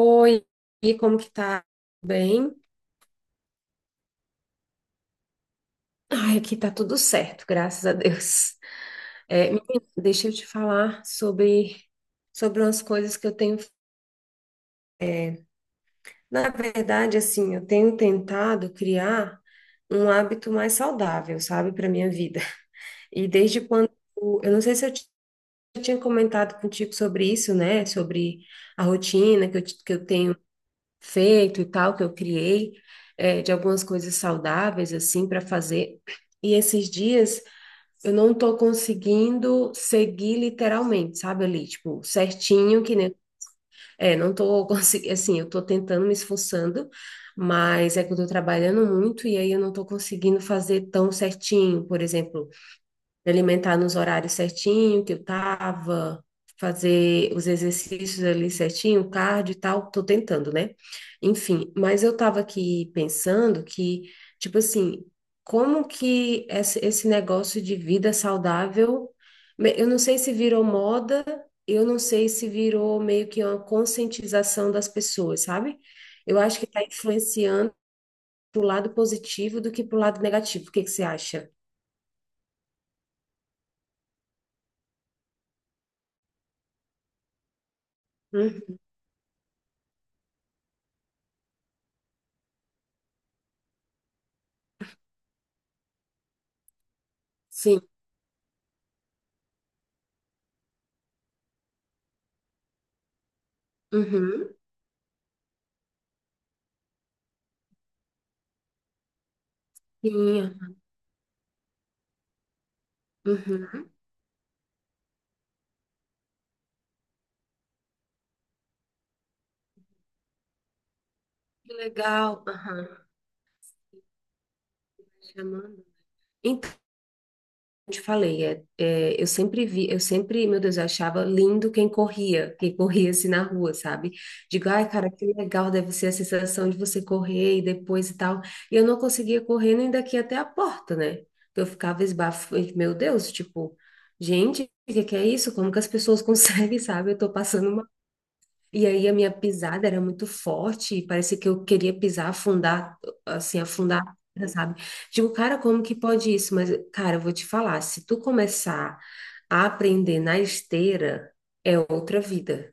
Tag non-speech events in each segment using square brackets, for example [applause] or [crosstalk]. Oi, e como que tá? Tudo bem? Ai, aqui tá tudo certo, graças a Deus. É, menina, deixa eu te falar sobre umas coisas que eu tenho. Na verdade, assim, eu tenho tentado criar um hábito mais saudável, sabe, para minha vida. E desde quando, eu não sei se eu tinha comentado contigo sobre isso, né? Sobre a rotina que eu tenho feito e tal, que eu criei, de algumas coisas saudáveis, assim, para fazer. E esses dias eu não tô conseguindo seguir literalmente, sabe, ali, tipo, certinho, que nem. É, não tô [laughs] conseguindo, assim, eu tô tentando, me esforçando, mas é que eu tô trabalhando muito e aí eu não tô conseguindo fazer tão certinho, por exemplo me alimentar nos horários certinho que eu tava, fazer os exercícios ali certinho, cardio e tal, tô tentando, né? Enfim, mas eu tava aqui pensando que, tipo assim, como que esse negócio de vida saudável, eu não sei se virou moda, eu não sei se virou meio que uma conscientização das pessoas, sabe? Eu acho que está influenciando pro lado positivo do que pro lado negativo. O que que você acha? Hum, sim. Uhum. Sim. Uhum. Que legal. Aham. Chamando. Então, eu te falei, eu sempre vi, eu sempre, meu Deus, eu achava lindo quem corria assim na rua, sabe? Digo, ai, cara, que legal deve ser a sensação de você correr e depois e tal. E eu não conseguia correr nem daqui até a porta, né? Então, eu ficava esbafo, meu Deus, tipo, gente, o que que é isso? Como que as pessoas conseguem, [laughs] sabe? Eu tô passando. E aí a minha pisada era muito forte, parecia que eu queria pisar, afundar, assim, afundar, sabe? Digo, cara, como que pode isso? Mas, cara, eu vou te falar, se tu começar a aprender na esteira, é outra vida.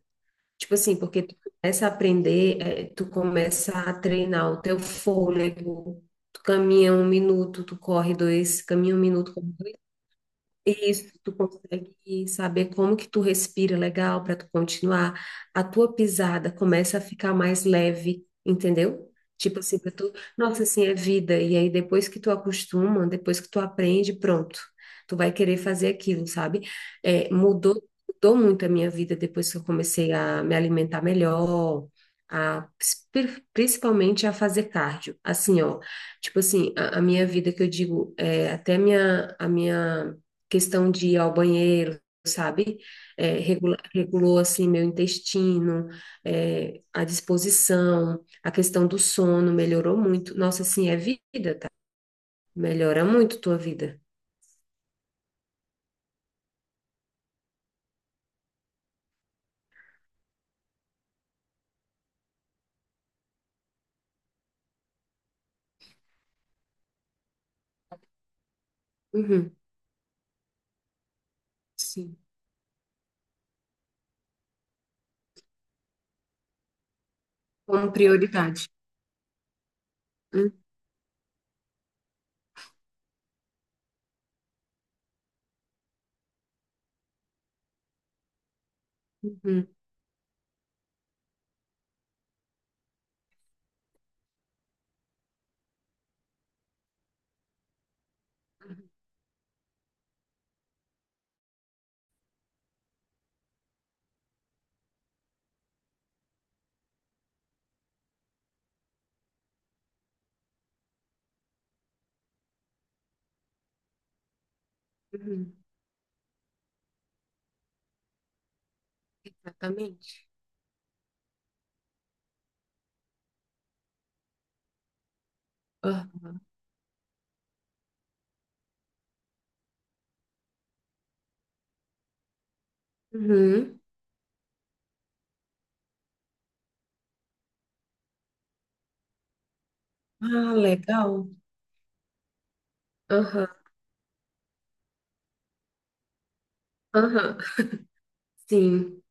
Tipo assim, porque tu começa a aprender, tu começa a treinar o teu fôlego, tu caminha um minuto, tu corre dois, caminha um minuto, isso, tu consegue saber como que tu respira legal para tu continuar. A tua pisada começa a ficar mais leve, entendeu? Tipo assim, pra tu, nossa, assim é vida. E aí depois que tu acostuma, depois que tu aprende, pronto. Tu vai querer fazer aquilo, sabe? É, mudou muito a minha vida depois que eu comecei a me alimentar melhor, a principalmente a fazer cardio. Assim, ó, tipo assim, a minha vida que eu digo, até a minha questão de ir ao banheiro, sabe? É, regulou, assim, meu intestino, a disposição, a questão do sono melhorou muito. Nossa, assim, é vida, tá? Melhora muito tua vida. Uhum, sim. Como prioridade. Uhum, uhum, exatamente. Aham. Uhum. Ah, legal. Aham, aham. Sim.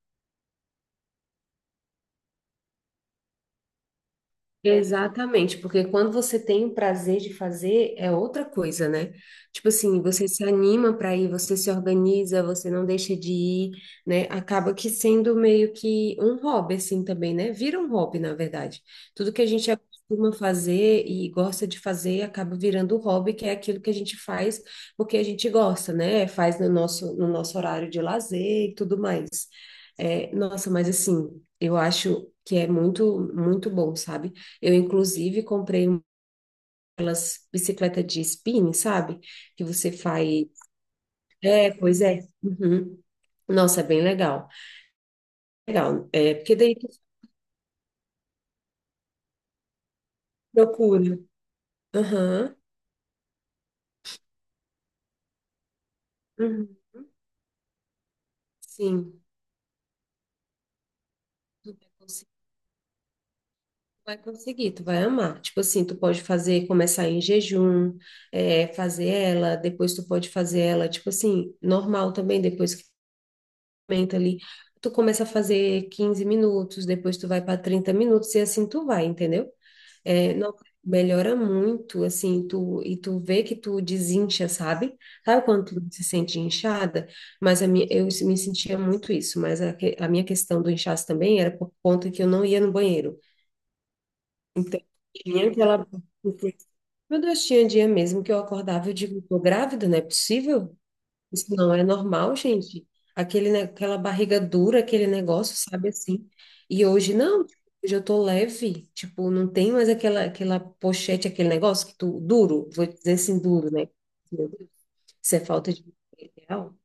Exatamente, porque quando você tem o prazer de fazer, é outra coisa, né? Tipo assim, você se anima para ir, você se organiza, você não deixa de ir, né? Acaba que sendo meio que um hobby, assim também, né? Vira um hobby, na verdade. Tudo que a gente acostuma fazer e gosta de fazer acaba virando um hobby, que é aquilo que a gente faz porque a gente gosta, né? Faz no nosso horário de lazer e tudo mais. É, nossa, mas assim, eu acho que é muito, muito bom, sabe? Eu, inclusive, comprei umas bicicleta de spinning, sabe? Que você faz. É, pois é. Uhum. Nossa, é bem legal. Legal. É, porque daí tu procura. Aham. Uhum. Sim. Tu vai conseguir, tu vai amar. Tipo assim, tu pode fazer, começar em jejum, fazer ela, depois tu pode fazer ela, tipo assim, normal também, depois que aumenta ali. Tu começa a fazer 15 minutos, depois tu vai para 30 minutos e assim tu vai, entendeu? É, não, melhora muito, assim, tu, e tu vê que tu desincha, sabe? Sabe quando tu se sente inchada? Mas a minha, eu me sentia muito isso, mas a minha questão do inchaço também era por conta que eu não ia no banheiro. Então, tinha aquela... Meu Deus, tinha dia mesmo que eu acordava e eu digo, tô grávida, não é possível? Isso não é normal, gente. Aquele, ne- aquela barriga dura, aquele negócio, sabe assim. E hoje não, tipo, hoje eu tô leve, tipo, não tem mais aquela pochete, aquele negócio que tu, duro, vou dizer assim, duro, né? Meu Deus, isso é falta de ideal.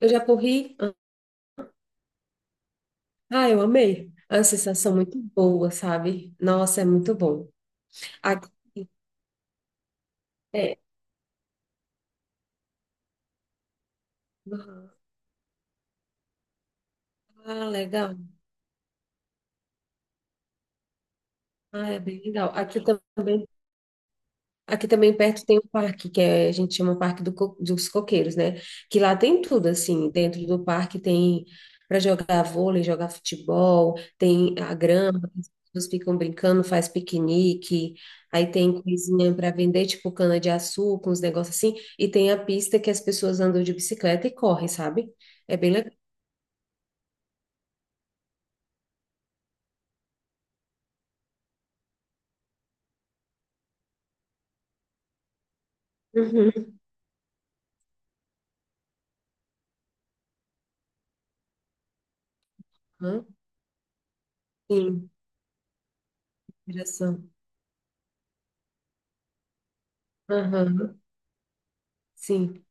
Eu já corri, ah, eu amei. É uma sensação muito boa, sabe? Nossa, é muito bom. Aqui, é, ah, legal. Ah, é bem legal. Aqui também. Aqui também perto tem um parque que a gente chama Parque dos Coqueiros, né? Que lá tem tudo, assim. Dentro do parque tem para jogar vôlei, jogar futebol, tem a grama, as pessoas ficam brincando, faz piquenique. Aí tem coisinha para vender, tipo cana-de-açúcar, uns negócios assim. E tem a pista que as pessoas andam de bicicleta e correm, sabe? É bem legal. Uhum. Aham. Sim, direção. Aham. Sim.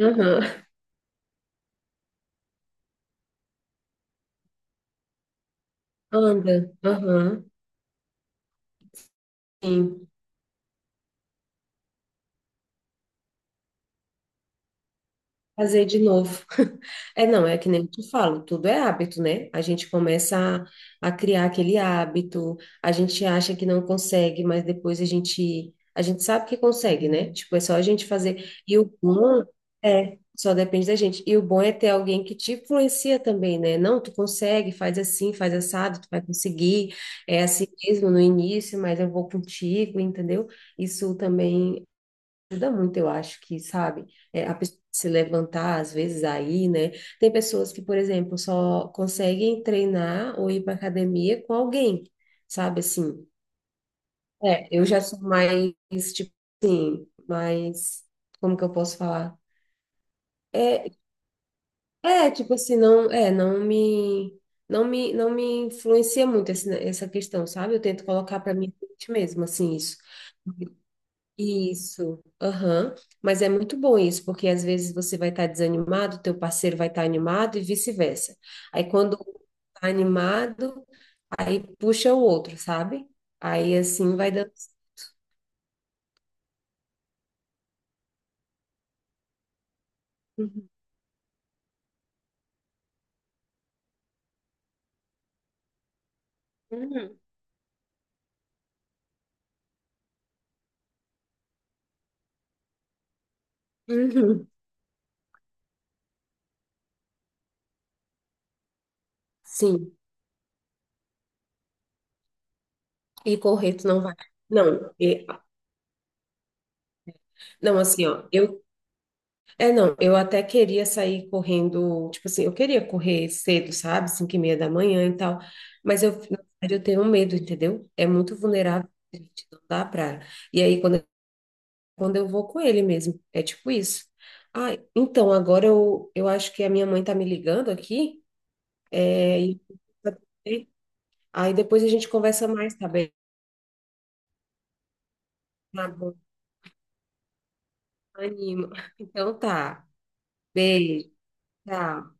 Aham. Anda. Aham. Sim. Fazer de novo. [laughs] É, não, é que nem tu falo, tudo é hábito, né? A gente começa a criar aquele hábito, a gente acha que não consegue, mas depois a gente sabe que consegue, né? Tipo, é só a gente fazer. E o bom é, só depende da gente. E o bom é ter alguém que te influencia também, né? Não, tu consegue, faz assim, faz assado, tu vai conseguir. É assim mesmo no início, mas eu vou contigo, entendeu? Isso também ajuda muito, eu acho que, sabe, a pessoa se levantar, às vezes, aí, né? Tem pessoas que, por exemplo, só conseguem treinar ou ir para academia com alguém, sabe, assim. É, eu já sou mais, tipo assim, mais, como que eu posso falar? É, é, tipo assim, não, é, não me influencia muito essa questão, sabe? Eu tento colocar para mim mesmo, assim, isso. Isso, aham. Mas é muito bom isso, porque às vezes você vai estar desanimado, teu parceiro vai estar animado e vice-versa. Aí quando um tá animado, aí puxa o outro, sabe? Aí assim vai dando. Uhum. Uhum. Uhum. Sim. E correr, tu não vai. Não, não, assim, ó, eu é, não, eu até queria sair correndo, tipo assim, eu queria correr cedo, sabe? 5:30 da manhã e tal, mas eu, na verdade, eu tenho medo, entendeu? É muito vulnerável, gente, não dá pra... E aí, quando eu vou com ele mesmo, é tipo isso. Ah, então, agora eu acho que a minha mãe tá me ligando aqui, é, e... aí depois a gente conversa mais, tá bem? Tá bom, anima. [laughs] Então tá, beijo, tchau.